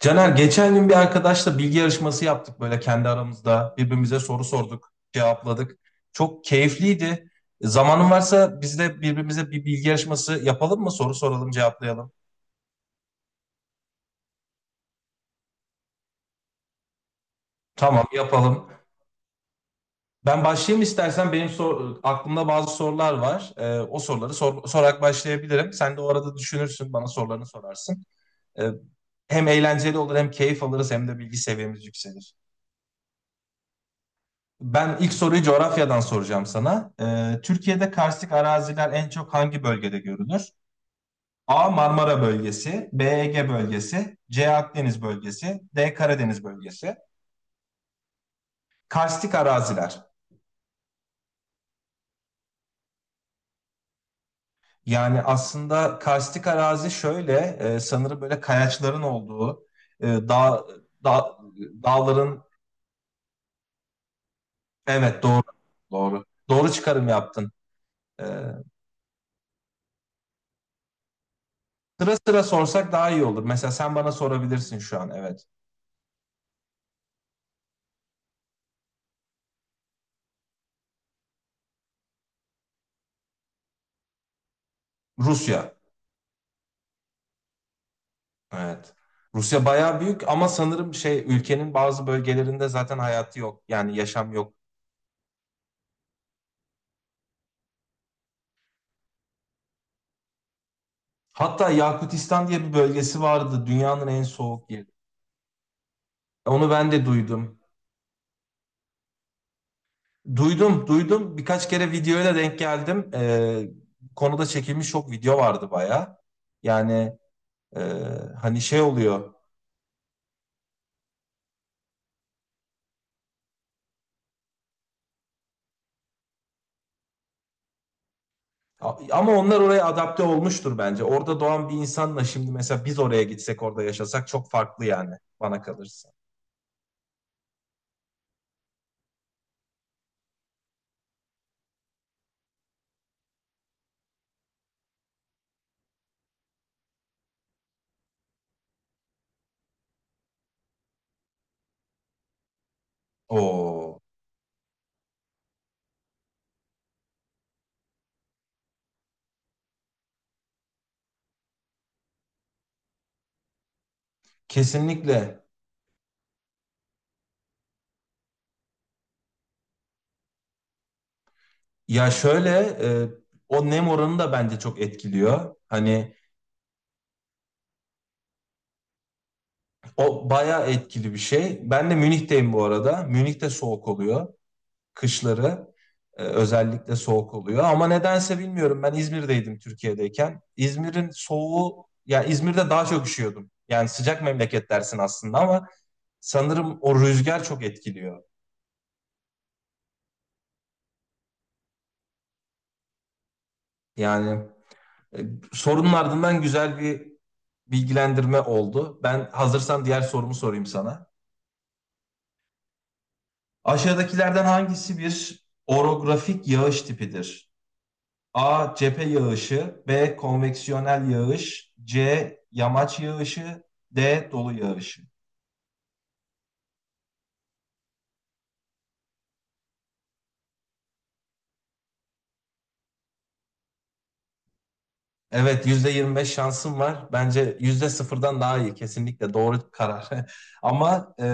Caner geçen gün bir arkadaşla bilgi yarışması yaptık böyle kendi aramızda. Birbirimize soru sorduk, cevapladık. Çok keyifliydi. Zamanın varsa biz de birbirimize bir bilgi yarışması yapalım mı? Soru soralım, cevaplayalım. Tamam, yapalım. Ben başlayayım istersen. Benim aklımda bazı sorular var. O soruları sorarak başlayabilirim. Sen de o arada düşünürsün, bana sorularını sorarsın. Ee, Hem eğlenceli olur, hem keyif alırız, hem de bilgi seviyemiz yükselir. Ben ilk soruyu coğrafyadan soracağım sana. Türkiye'de karstik araziler en çok hangi bölgede görülür? A. Marmara bölgesi, B. Ege bölgesi, C. Akdeniz bölgesi, D. Karadeniz bölgesi. Karstik araziler. Yani aslında karstik arazi şöyle, sanırım böyle kayaçların olduğu, e, dağ, dağ- dağların, evet doğru çıkarım yaptın. Ee, Sıra sıra sorsak daha iyi olur. Mesela sen bana sorabilirsin şu an, evet. Rusya. Evet. Rusya bayağı büyük ama sanırım şey ülkenin bazı bölgelerinde zaten hayatı yok. Yani yaşam yok. Hatta Yakutistan diye bir bölgesi vardı. Dünyanın en soğuk yeri. Onu ben de duydum. Duydum, duydum. Birkaç kere videoyla denk geldim. Bu konuda çekilmiş çok video vardı bayağı. Yani e, hani şey oluyor. Ama onlar oraya adapte olmuştur bence. Orada doğan bir insanla şimdi mesela biz oraya gitsek orada yaşasak çok farklı yani bana kalırsa. Oo. Kesinlikle. Ya şöyle o nem oranı da bence çok etkiliyor. Hani o bayağı etkili bir şey. Ben de Münih'teyim bu arada. Münih'te soğuk oluyor. Kışları özellikle soğuk oluyor. Ama nedense bilmiyorum ben İzmir'deydim Türkiye'deyken. İzmir'in soğuğu ya İzmir'de daha çok üşüyordum. Yani sıcak memleket dersin aslında ama sanırım o rüzgar çok etkiliyor. Yani e, sorunun ardından güzel bir bilgilendirme oldu. Ben hazırsan diğer sorumu sorayım sana. Aşağıdakilerden hangisi bir orografik yağış tipidir? A. Cephe yağışı B. Konveksiyonel yağış C. Yamaç yağışı D. Dolu yağışı Evet %25 şansım var. Bence %0'dan daha iyi. Kesinlikle doğru karar. Ama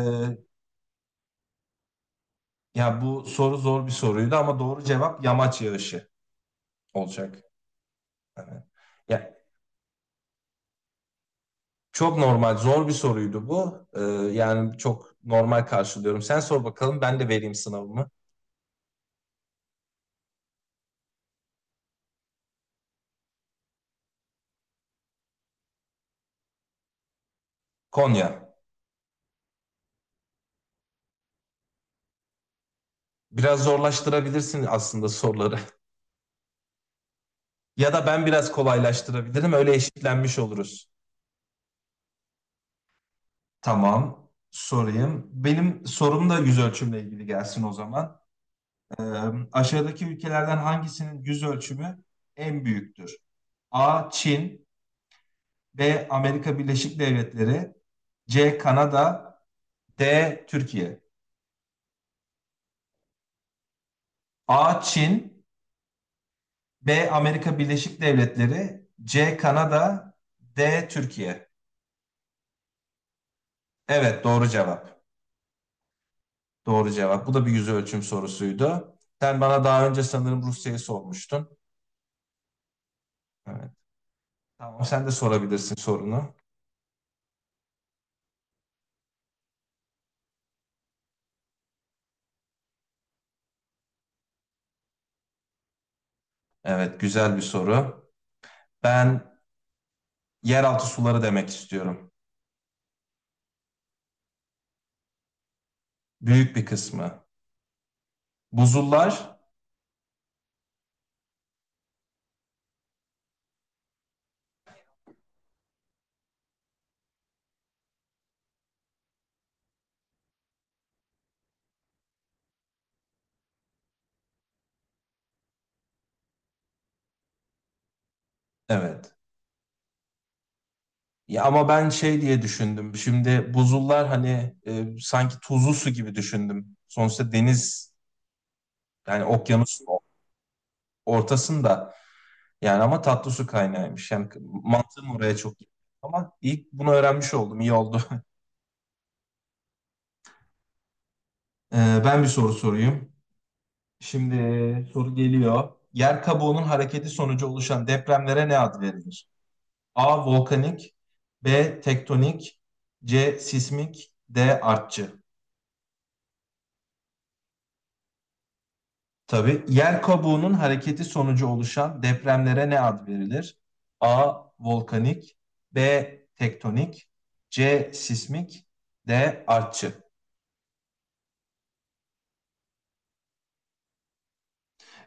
ya bu soru zor bir soruydu ama doğru cevap yamaç yağışı olacak. Yani, ya, çok normal, zor bir soruydu bu. Yani çok normal karşılıyorum. Sen sor bakalım ben de vereyim sınavımı. Konya. Biraz zorlaştırabilirsin aslında soruları. Ya da ben biraz kolaylaştırabilirim. Öyle eşitlenmiş oluruz. Tamam. Sorayım. Benim sorum da yüz ölçümle ilgili gelsin o zaman. Ee, Aşağıdaki ülkelerden hangisinin yüz ölçümü en büyüktür? A. Çin B. Amerika Birleşik Devletleri C. Kanada D. Türkiye. A. Çin B. Amerika Birleşik Devletleri C. Kanada D. Türkiye. Evet, doğru cevap. Doğru cevap. Bu da bir yüz ölçüm sorusuydu. Sen bana daha önce sanırım Rusya'yı sormuştun. Evet. Tamam. Sen de sorabilirsin sorunu. Evet, güzel bir soru. Ben yeraltı suları demek istiyorum. Büyük bir kısmı. Buzullar, evet. Ya ama ben şey diye düşündüm. Şimdi buzullar hani sanki tuzlu su gibi düşündüm. Sonuçta deniz yani okyanusun ortasında yani ama tatlı su kaynağıymış. Yani mantığım oraya çok gitti. Ama ilk bunu öğrenmiş oldum. İyi oldu. Ee, Ben bir soru sorayım. Şimdi soru geliyor. Yer kabuğunun hareketi sonucu oluşan depremlere ne ad verilir? A. Volkanik B. Tektonik C. Sismik D. Artçı Tabii. Yer kabuğunun hareketi sonucu oluşan depremlere ne ad verilir? A. Volkanik B. Tektonik C. Sismik D. Artçı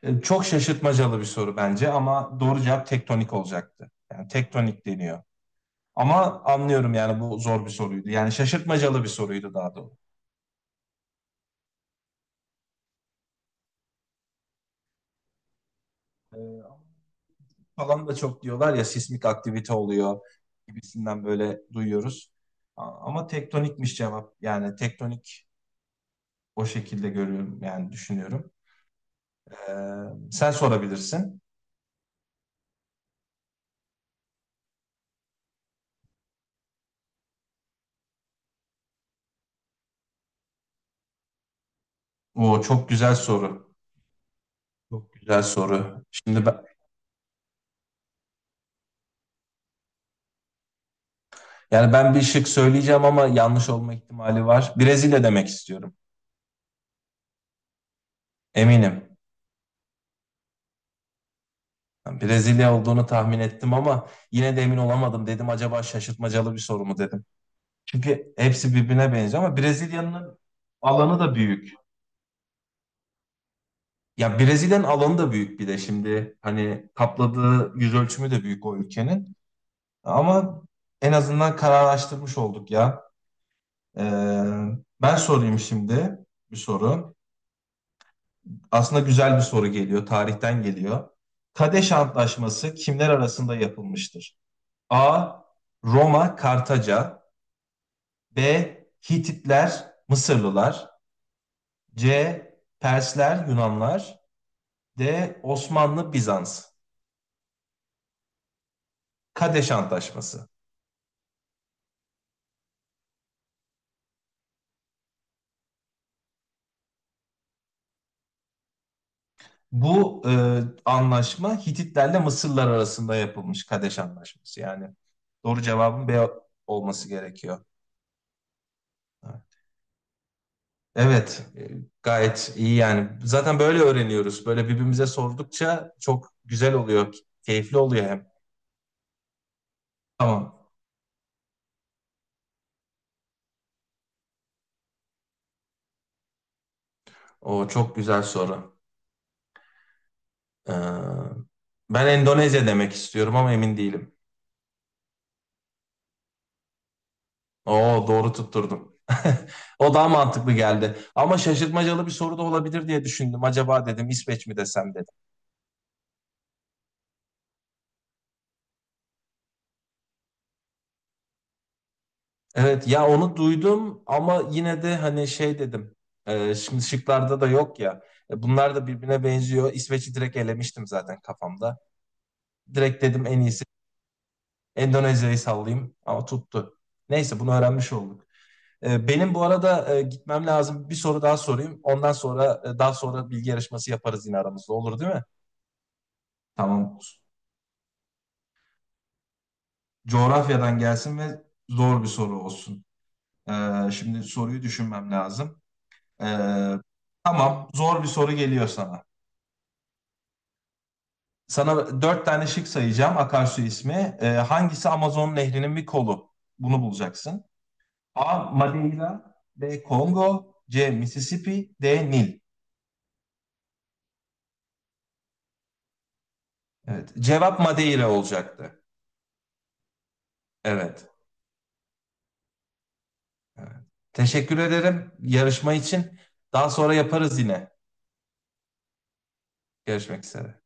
Çok şaşırtmacalı bir soru bence ama doğru cevap tektonik olacaktı. Yani tektonik deniyor. Ama anlıyorum yani bu zor bir soruydu. Yani şaşırtmacalı bir soruydu daha doğrusu. Ee, Falan da çok diyorlar ya sismik aktivite oluyor gibisinden böyle duyuyoruz. Ama tektonikmiş cevap. Yani tektonik o şekilde görüyorum yani düşünüyorum. Ee, Sen sorabilirsin. O çok güzel soru. Çok güzel soru. Şimdi ben yani ben bir şık söyleyeceğim ama yanlış olma ihtimali var. Brezilya demek istiyorum. Eminim. Yani Brezilya olduğunu tahmin ettim ama yine de emin olamadım. Dedim acaba şaşırtmacalı bir soru mu dedim. Çünkü hepsi birbirine benziyor ama Brezilya'nın alanı da büyük. Ya Brezilya'nın alanı da büyük bir de şimdi hani kapladığı yüz ölçümü de büyük o ülkenin. Ama en azından kararlaştırmış olduk ya. Ee, Ben sorayım şimdi bir soru. Aslında güzel bir soru geliyor, tarihten geliyor. Kadeş Antlaşması kimler arasında yapılmıştır? A. Roma, Kartaca. B. Hititler, Mısırlılar. C. Persler, Yunanlar. D. Osmanlı, Bizans. Kadeş Antlaşması. Bu anlaşma Hititlerle Mısırlar arasında yapılmış Kadeş Antlaşması. Yani doğru cevabın B olması gerekiyor. Evet, gayet iyi yani. Zaten böyle öğreniyoruz. Böyle birbirimize sordukça çok güzel oluyor, keyifli oluyor hem. Tamam. O çok güzel soru. Ee, Ben Endonezya demek istiyorum ama emin değilim. Oo doğru tutturdum. O daha mantıklı geldi. Ama şaşırtmacalı bir soru da olabilir diye düşündüm. Acaba dedim İsveç mi desem dedim. Evet ya onu duydum ama yine de hani şey dedim. Şimdi şıklarda da yok ya. Bunlar da birbirine benziyor. İsveç'i direkt elemiştim zaten kafamda. Direkt dedim en iyisi Endonezya'yı sallayayım ama tuttu. Neyse bunu öğrenmiş olduk. Benim bu arada gitmem lazım. Bir soru daha sorayım. Ondan sonra daha sonra bilgi yarışması yaparız yine aramızda. Olur değil mi? Tamam. Coğrafyadan gelsin ve zor bir soru olsun. Şimdi soruyu düşünmem lazım. Ee, tamam. Zor bir soru geliyor sana. Sana dört tane şık sayacağım akarsu ismi. Hangisi Amazon Nehri'nin bir kolu? Bunu bulacaksın. A. Madeira. B. Kongo. C. Mississippi. D. Nil. Evet. Cevap Madeira olacaktı. Evet. Evet. Teşekkür ederim yarışma için. Daha sonra yaparız yine. Görüşmek üzere.